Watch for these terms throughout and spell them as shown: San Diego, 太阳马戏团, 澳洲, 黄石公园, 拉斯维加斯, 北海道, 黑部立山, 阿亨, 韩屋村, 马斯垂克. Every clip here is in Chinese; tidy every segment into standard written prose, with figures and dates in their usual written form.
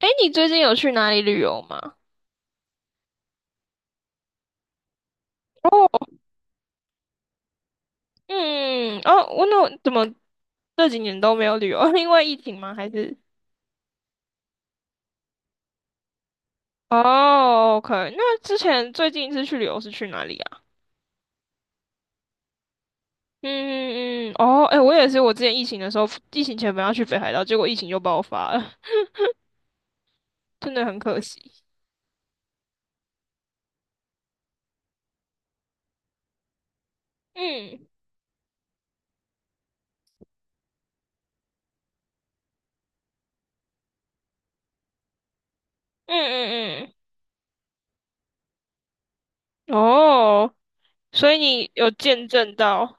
哎，你最近有去哪里旅游吗？哦，嗯，嗯哦，我那怎么这几年都没有旅游？因为疫情吗？还是？哦，OK，那之前最近一次去旅游是去哪里啊？嗯嗯嗯，哦，哎，我也是，我之前疫情的时候，疫情前本来要去北海道，结果疫情就爆发了，真的很可惜。嗯嗯嗯嗯，哦，所以你有见证到。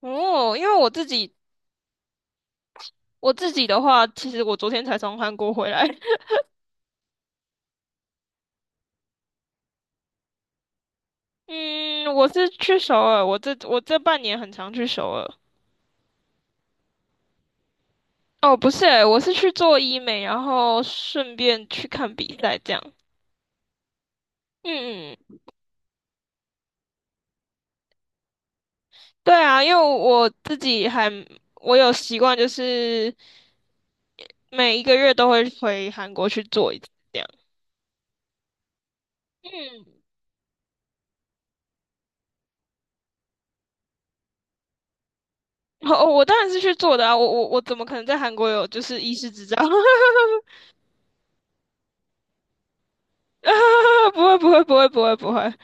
哦，因为我自己的话，其实我昨天才从韩国回来，嗯，我是去首尔，我这半年很常去首尔。哦，不是欸，我是去做医美，然后顺便去看比赛这样。嗯嗯，对啊，因为我自己还我有习惯，就是每一个月都会回韩国去做一次这样。嗯，哦，我当然是去做的啊，我怎么可能在韩国有就是医师执照？啊不会不会不会不会不会，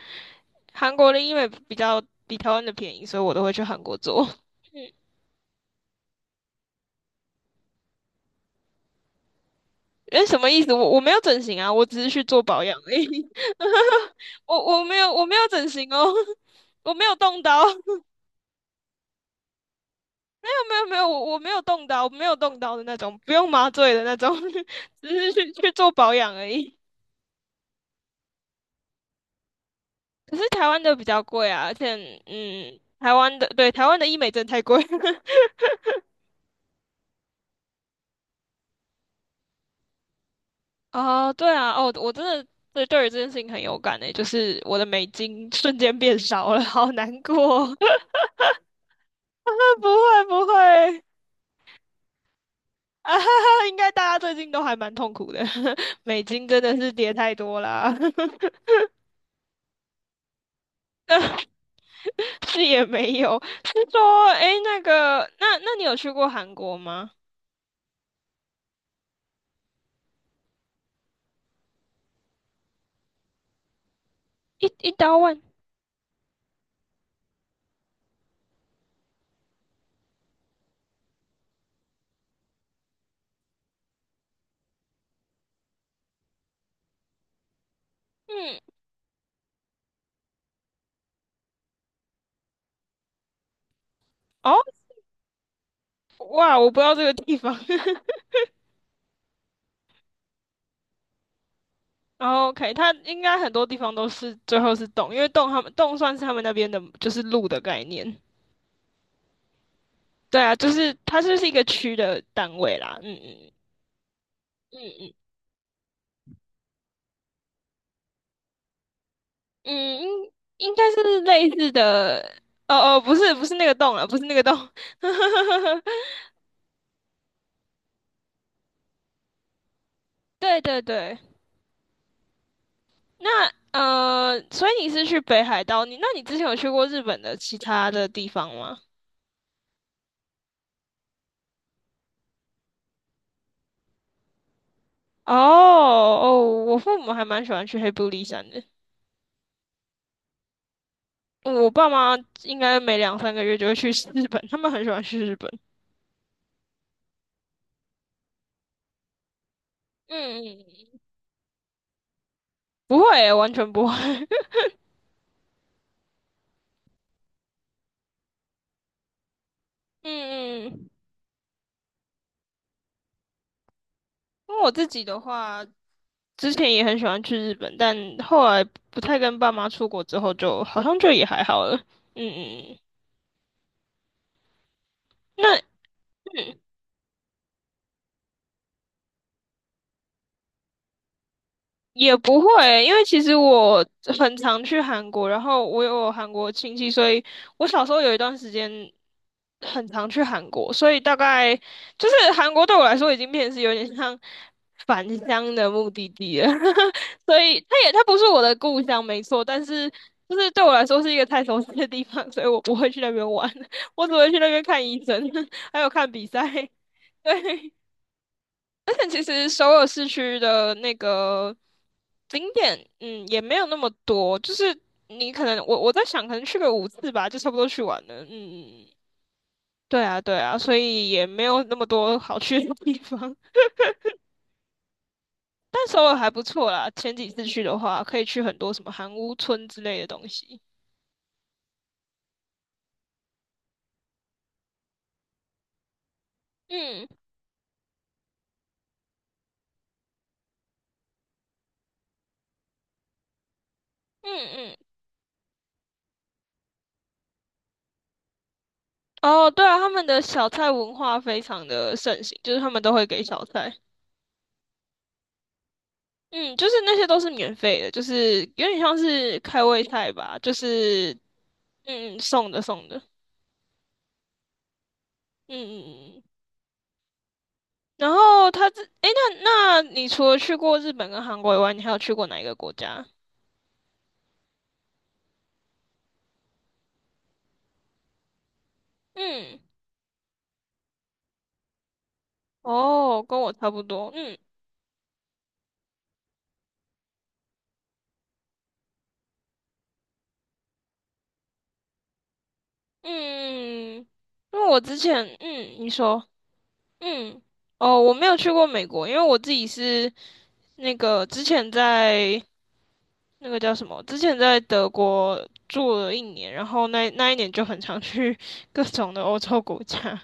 韩国的医美比较比台湾的便宜，所以我都会去韩国做。哎，什么意思？我没有整形啊，我只是去做保养而已。我我没有整形哦，我没有动刀，没有没有，我没有动刀，我没有动刀的那种，不用麻醉的那种，只是去做保养而已。可是台湾的比较贵啊，而且嗯，台湾的对台湾的医美真的太贵。哦，对啊，哦，我真的对于这件事情很有感诶，就是我的美金瞬间变少了，好难过。不会不会，啊，哈哈，应该大家最近都还蛮痛苦的，美金真的是跌太多啦。是也没有，是说，诶，那个，那那你有去过韩国吗？一刀万，嗯，哦，哇，我不知道这个地方。然后 OK，它应该很多地方都是最后是洞，因为洞他们洞算是他们那边的，就是路的概念。对啊，就是它就是一个区的单位啦。嗯嗯嗯嗯。嗯，应该是类似的。哦哦，不是不是那个洞了，不是那个洞。对对对，那所以你是去北海道？你那你之前有去过日本的其他的地方吗？哦哦，我父母还蛮喜欢去黑部立山的。我爸妈应该每两三个月就会去日本，他们很喜欢去日本。嗯嗯，嗯不会欸完全不会。嗯嗯，因为我自己的话。之前也很喜欢去日本，但后来不太跟爸妈出国之后就，好像就也还好了。嗯嗯，嗯那嗯也不会，因为其实我很常去韩国，然后我有韩国亲戚，所以我小时候有一段时间很常去韩国，所以大概就是韩国对我来说已经变成是有点像返乡的目的地了，所以它也它不是我的故乡，没错，但是就是对我来说是一个太熟悉的地方，所以我不会去那边玩，我只会去那边看医生，还有看比赛，对。而且其实首尔市区的那个景点，嗯，也没有那么多，就是你可能我在想，可能去个5次吧，就差不多去完了。嗯嗯嗯，对啊对啊，所以也没有那么多好去的地方，但首尔还不错啦。前几次去的话，可以去很多什么韩屋村之类的东西。嗯嗯嗯，哦，对啊，他们的小菜文化非常的盛行，就是他们都会给小菜。嗯，就是那些都是免费的，就是有点像是开胃菜吧，就是嗯送的送的，嗯嗯嗯。然后他这，诶，那你除了去过日本跟韩国以外，你还有去过哪一个国家？嗯，哦，跟我差不多，嗯嗯，因为我之前，嗯，你说，嗯，哦，我没有去过美国，因为我自己是那个之前在那个叫什么？之前在德国住了一年，然后那一年就很常去 各种的欧洲国家。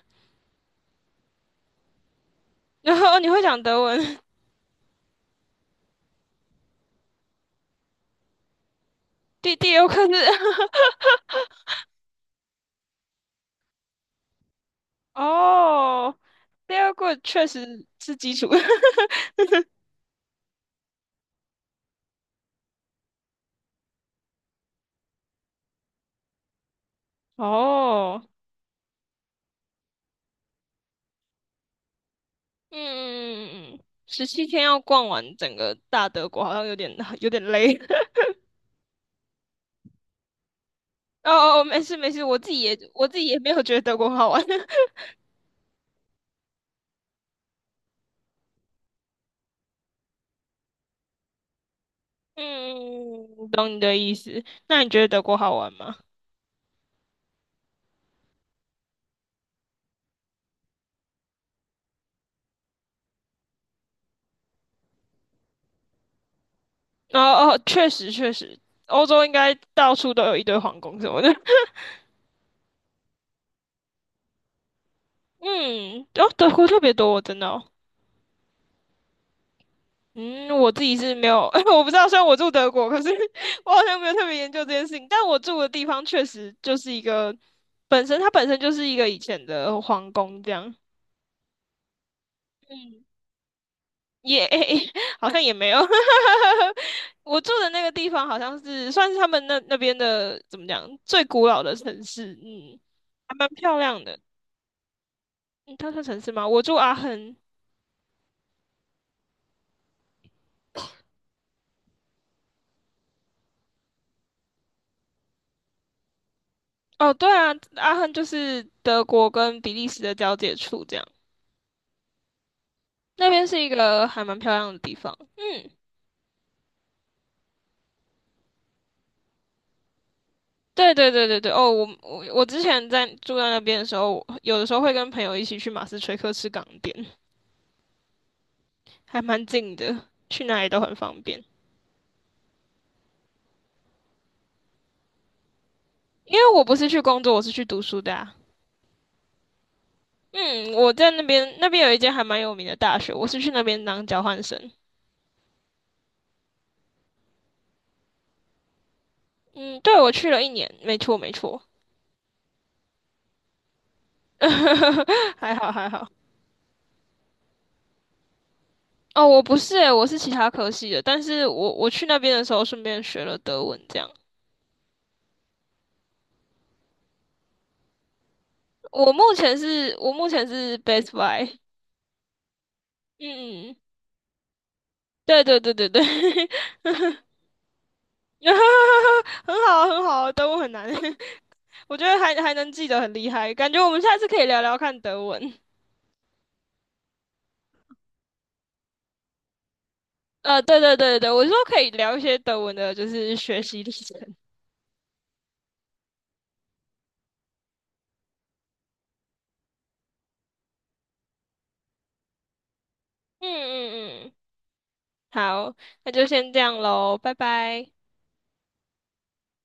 然后你会讲德文，第六课是 哦，第二课确实是基础 哦，嗯嗯嗯嗯，17天要逛完整个大德国，好像有点有点累。哦哦，哦没事没事，我自己也没有觉得德国好玩。嗯，懂你的意思。那你觉得德国好玩吗？哦哦，确实确实，欧洲应该到处都有一堆皇宫什么的。嗯，哦，德国特别多，我真的哦。嗯，我自己是没有，我不知道，虽然我住德国，可是 我好像没有特别研究这件事情。但我住的地方确实就是一个，本身它本身就是一个以前的皇宫这样。嗯，也、好像也没有。我住的那个地方好像是算是他们那边的怎么讲最古老的城市，嗯，还蛮漂亮的。嗯，它算城市吗？我住阿亨。哦，对啊，阿亨就是德国跟比利时的交界处，这样那边是一个还蛮漂亮的地方。嗯，对对对对对。哦，我之前在住在那边的时候，有的时候会跟朋友一起去马斯垂克吃港点，还蛮近的，去哪里都很方便。因为我不是去工作，我是去读书的啊。嗯，我在那边有一间还蛮有名的大学，我是去那边当交换生。嗯，对，我去了一年，没错没错，还好还好。哦，我不是诶，我是其他科系的，但是我我去那边的时候顺便学了德文，这样。我目前是 Best Buy，嗯嗯，对对对对对，很好很好，德文很难，我觉得还能记得很厉害，感觉我们下次可以聊聊看德文。呃，对对对对，我是说可以聊一些德文的，就是学习历程。嗯嗯嗯，好，那就先这样喽，拜拜。